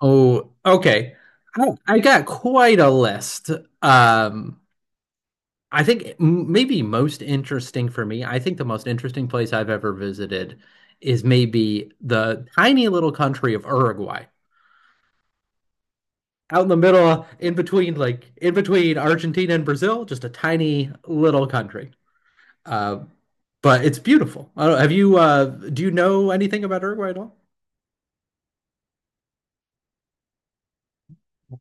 Oh, okay. I got quite a list. Um, I think the most interesting place I've ever visited is maybe the tiny little country of Uruguay. Out in the middle, like in between Argentina and Brazil, just a tiny little country. Uh, but it's beautiful. I don't, do you know anything about Uruguay at all?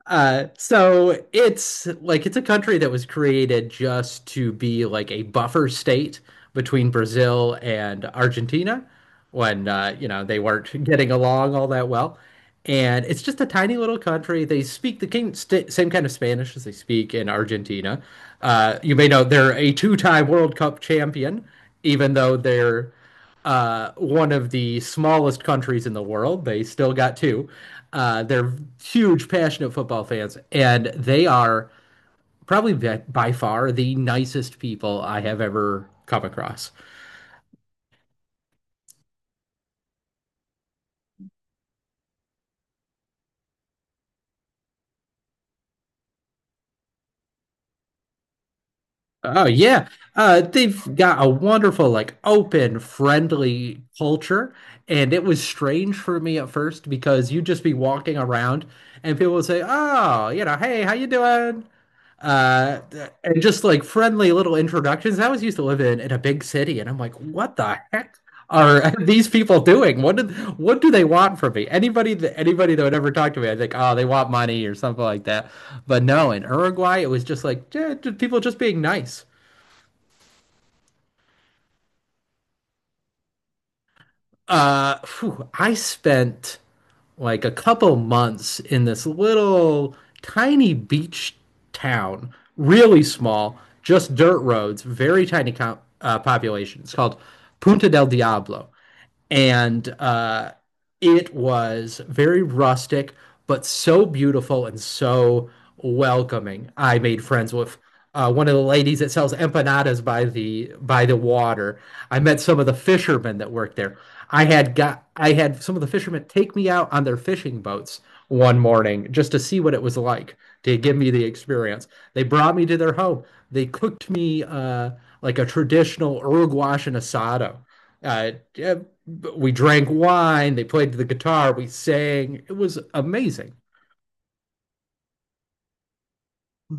So it's like it's a country that was created just to be like a buffer state between Brazil and Argentina when you know they weren't getting along all that well. And it's just a tiny little country. They speak the king, st same kind of Spanish as they speak in Argentina. You may know they're a two-time World Cup champion, even though they're one of the smallest countries in the world. They still got two. They're huge, passionate football fans, and they are probably by far the nicest people I have ever come across. Oh yeah, they've got a wonderful, like, open, friendly culture, and it was strange for me at first because you'd just be walking around and people would say, "Oh, you know, hey, how you doing?" uh and just like friendly little introductions. I always used to live in a big city and I'm like, what the heck are these people doing? What do they want from me? Anybody that would ever talk to me, I think, oh, they want money or something like that. But no, in Uruguay it was just like, yeah, people just being nice. I spent like a couple months in this little tiny beach town, really small, just dirt roads, very tiny co population. It's called Punta del Diablo. And it was very rustic, but so beautiful and so welcoming. I made friends with one of the ladies that sells empanadas by the water. I met some of the fishermen that worked there. I had some of the fishermen take me out on their fishing boats one morning just to see what it was like, to give me the experience. They brought me to their home. They cooked me like a traditional Uruguayan asado. Yeah, we drank wine, they played the guitar, we sang. It was amazing. Uh,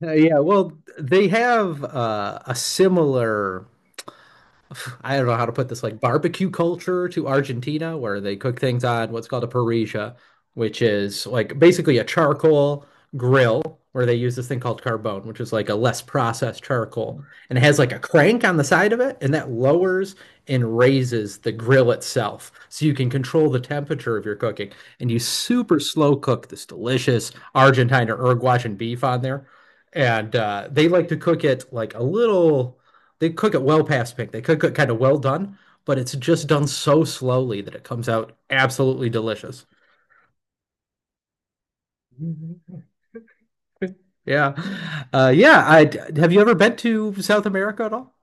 yeah, well, they have a similar I don't know how to put this, like barbecue culture to Argentina, where they cook things on what's called a parrilla, which is like basically a charcoal grill where they use this thing called carbone, which is like a less processed charcoal, and it has like a crank on the side of it, and that lowers and raises the grill itself, so you can control the temperature of your cooking, and you super slow cook this delicious Argentine or Uruguayan beef on there, and they like to cook it like a little they cook it well past pink. They cook it kind of well done, but it's just done so slowly that it comes out absolutely delicious. Mhm. Yeah. Yeah, I Have you ever been to South America at all?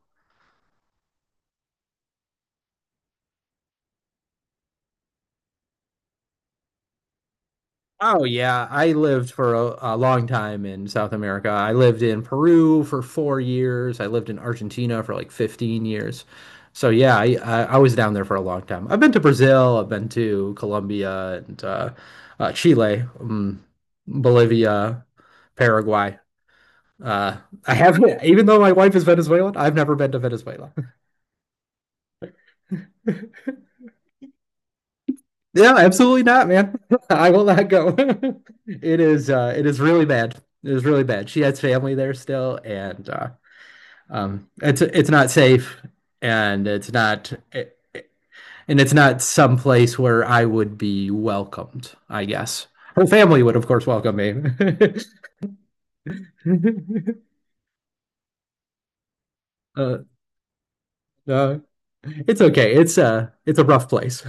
Oh yeah, I lived for a long time in South America. I lived in Peru for 4 years. I lived in Argentina for like 15 years. So yeah, I was down there for a long time. I've been to Brazil, I've been to Colombia and Chile, Bolivia, Paraguay. Uh, I have, even though my wife is Venezuelan, I've never been to Venezuela. Yeah, absolutely not, man. I will not go. It is, it is really bad. It is really bad. She has family there still, and it's not safe, and it's not, and it's not some place where I would be welcomed. I guess her family would, of course, welcome me. uh, no, it's okay. It's a rough place.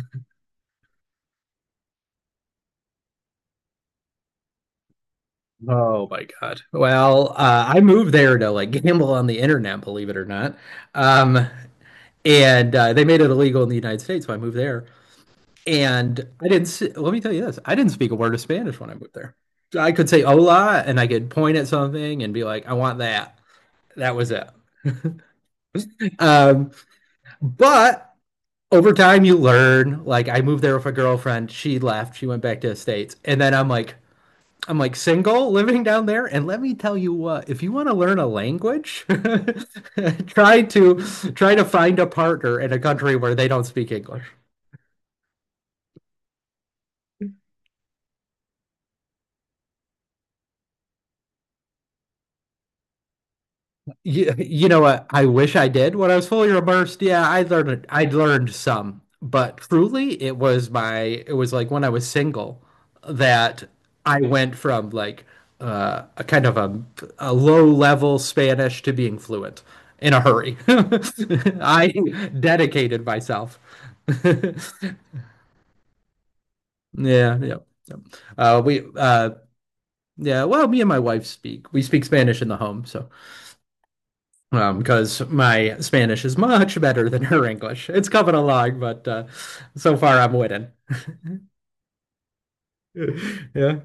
Oh my God. Well, I moved there to like gamble on the internet, believe it or not. Um, and they made it illegal in the United States, so I moved there. And I didn't see, let me tell you this, I didn't speak a word of Spanish when I moved there. I could say hola and I could point at something and be like, I want that. That was it. Um, but over time you learn. Like, I moved there with a girlfriend, she left, she went back to the States. And then I'm like, single, living down there, and let me tell you what, if you want to learn a language, try to try to find a partner in a country where they don't speak English. You know what? I wish I did when I was fully immersed. Yeah, I learned some, but truly, it was like when I was single that I went from like a kind of a low level Spanish to being fluent in a hurry. I dedicated myself. Yeah, yeah, yeah. We yeah. Well, me and my wife speak. We speak Spanish in the home, so. Because my Spanish is much better than her English. It's coming along, but so far I'm winning. Yeah.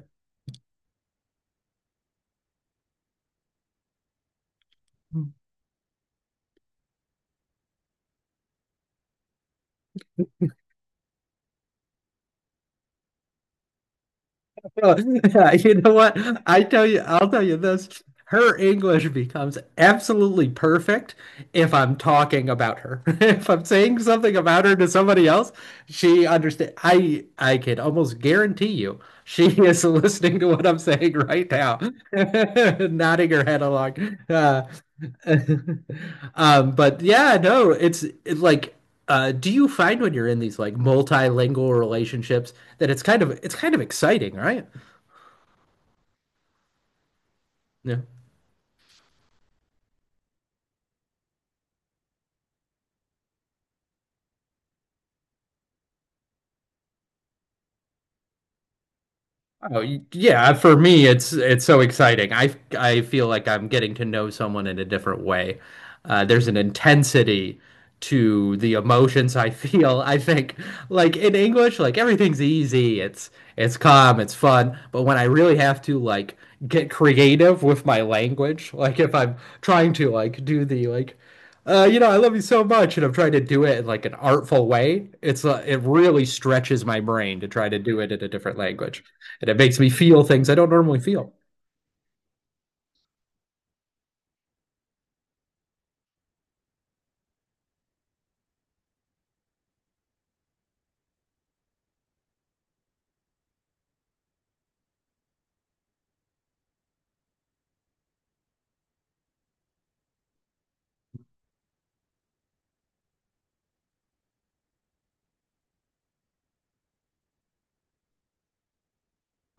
Well, yeah, you know what? I'll tell you this. Her English becomes absolutely perfect if I'm talking about her. If I'm saying something about her to somebody else, she understand. I can almost guarantee you she is listening to what I'm saying right now, nodding her head along. Uh, but yeah, no, like, do you find when you're in these like multilingual relationships that it's kind of exciting, right? Yeah. Oh, yeah. For me, it's so exciting. I feel like I'm getting to know someone in a different way. There's an intensity to the emotions I feel. I think like in English, like everything's easy. It's calm. It's fun. But when I really have to like get creative with my language, like if I'm trying to like do the like. You know, I love you so much, and I'm trying to do it in like an artful way. It's it really stretches my brain to try to do it in a different language. And it makes me feel things I don't normally feel.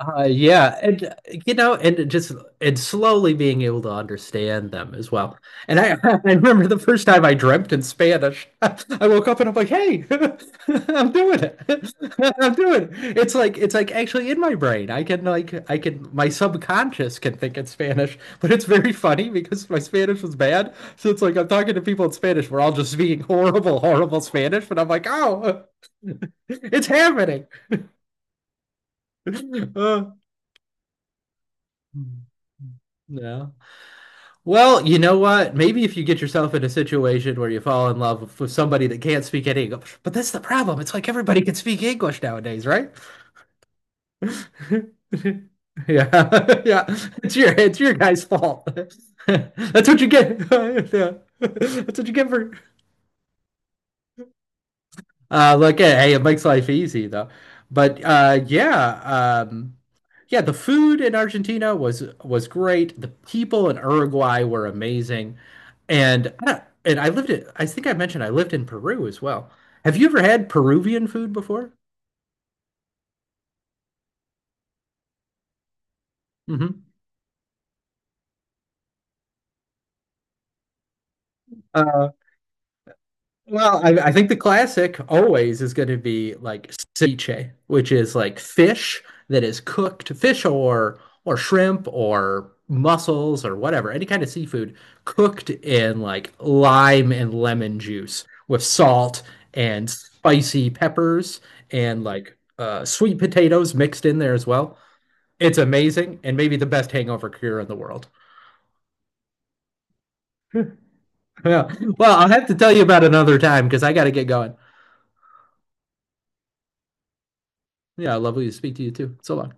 Yeah, and you know, and slowly being able to understand them as well. And I, I remember the first time I dreamt in Spanish. I woke up and I'm like, "Hey, I'm doing it. I'm doing it." It's like actually in my brain. I can my subconscious can think in Spanish, but it's very funny because my Spanish was bad. So it's like I'm talking to people in Spanish. We're all just speaking horrible, horrible Spanish, but I'm like, "Oh, it's happening." Uh, yeah. Well, you know what? Maybe if you get yourself in a situation where you fall in love with, somebody that can't speak any English. But that's the problem. It's like everybody can speak English nowadays, right? Yeah, yeah. It's your guy's fault. That's what you get. Yeah. That's what you get for look at, hey, it makes life easy though. But yeah, yeah, the food in Argentina was great. The people in Uruguay were amazing, and I don't- and I lived it. I think I mentioned I lived in Peru as well. Have you ever had Peruvian food before? hmm Well, I think the classic always is going to be like ceviche, which is like fish that is cooked, fish or shrimp or mussels or whatever, any kind of seafood cooked in like lime and lemon juice with salt and spicy peppers and like sweet potatoes mixed in there as well. It's amazing and maybe the best hangover cure in the world. Yeah. Well, I'll have to tell you about another time because I got to get going. Yeah, lovely to speak to you too. So long.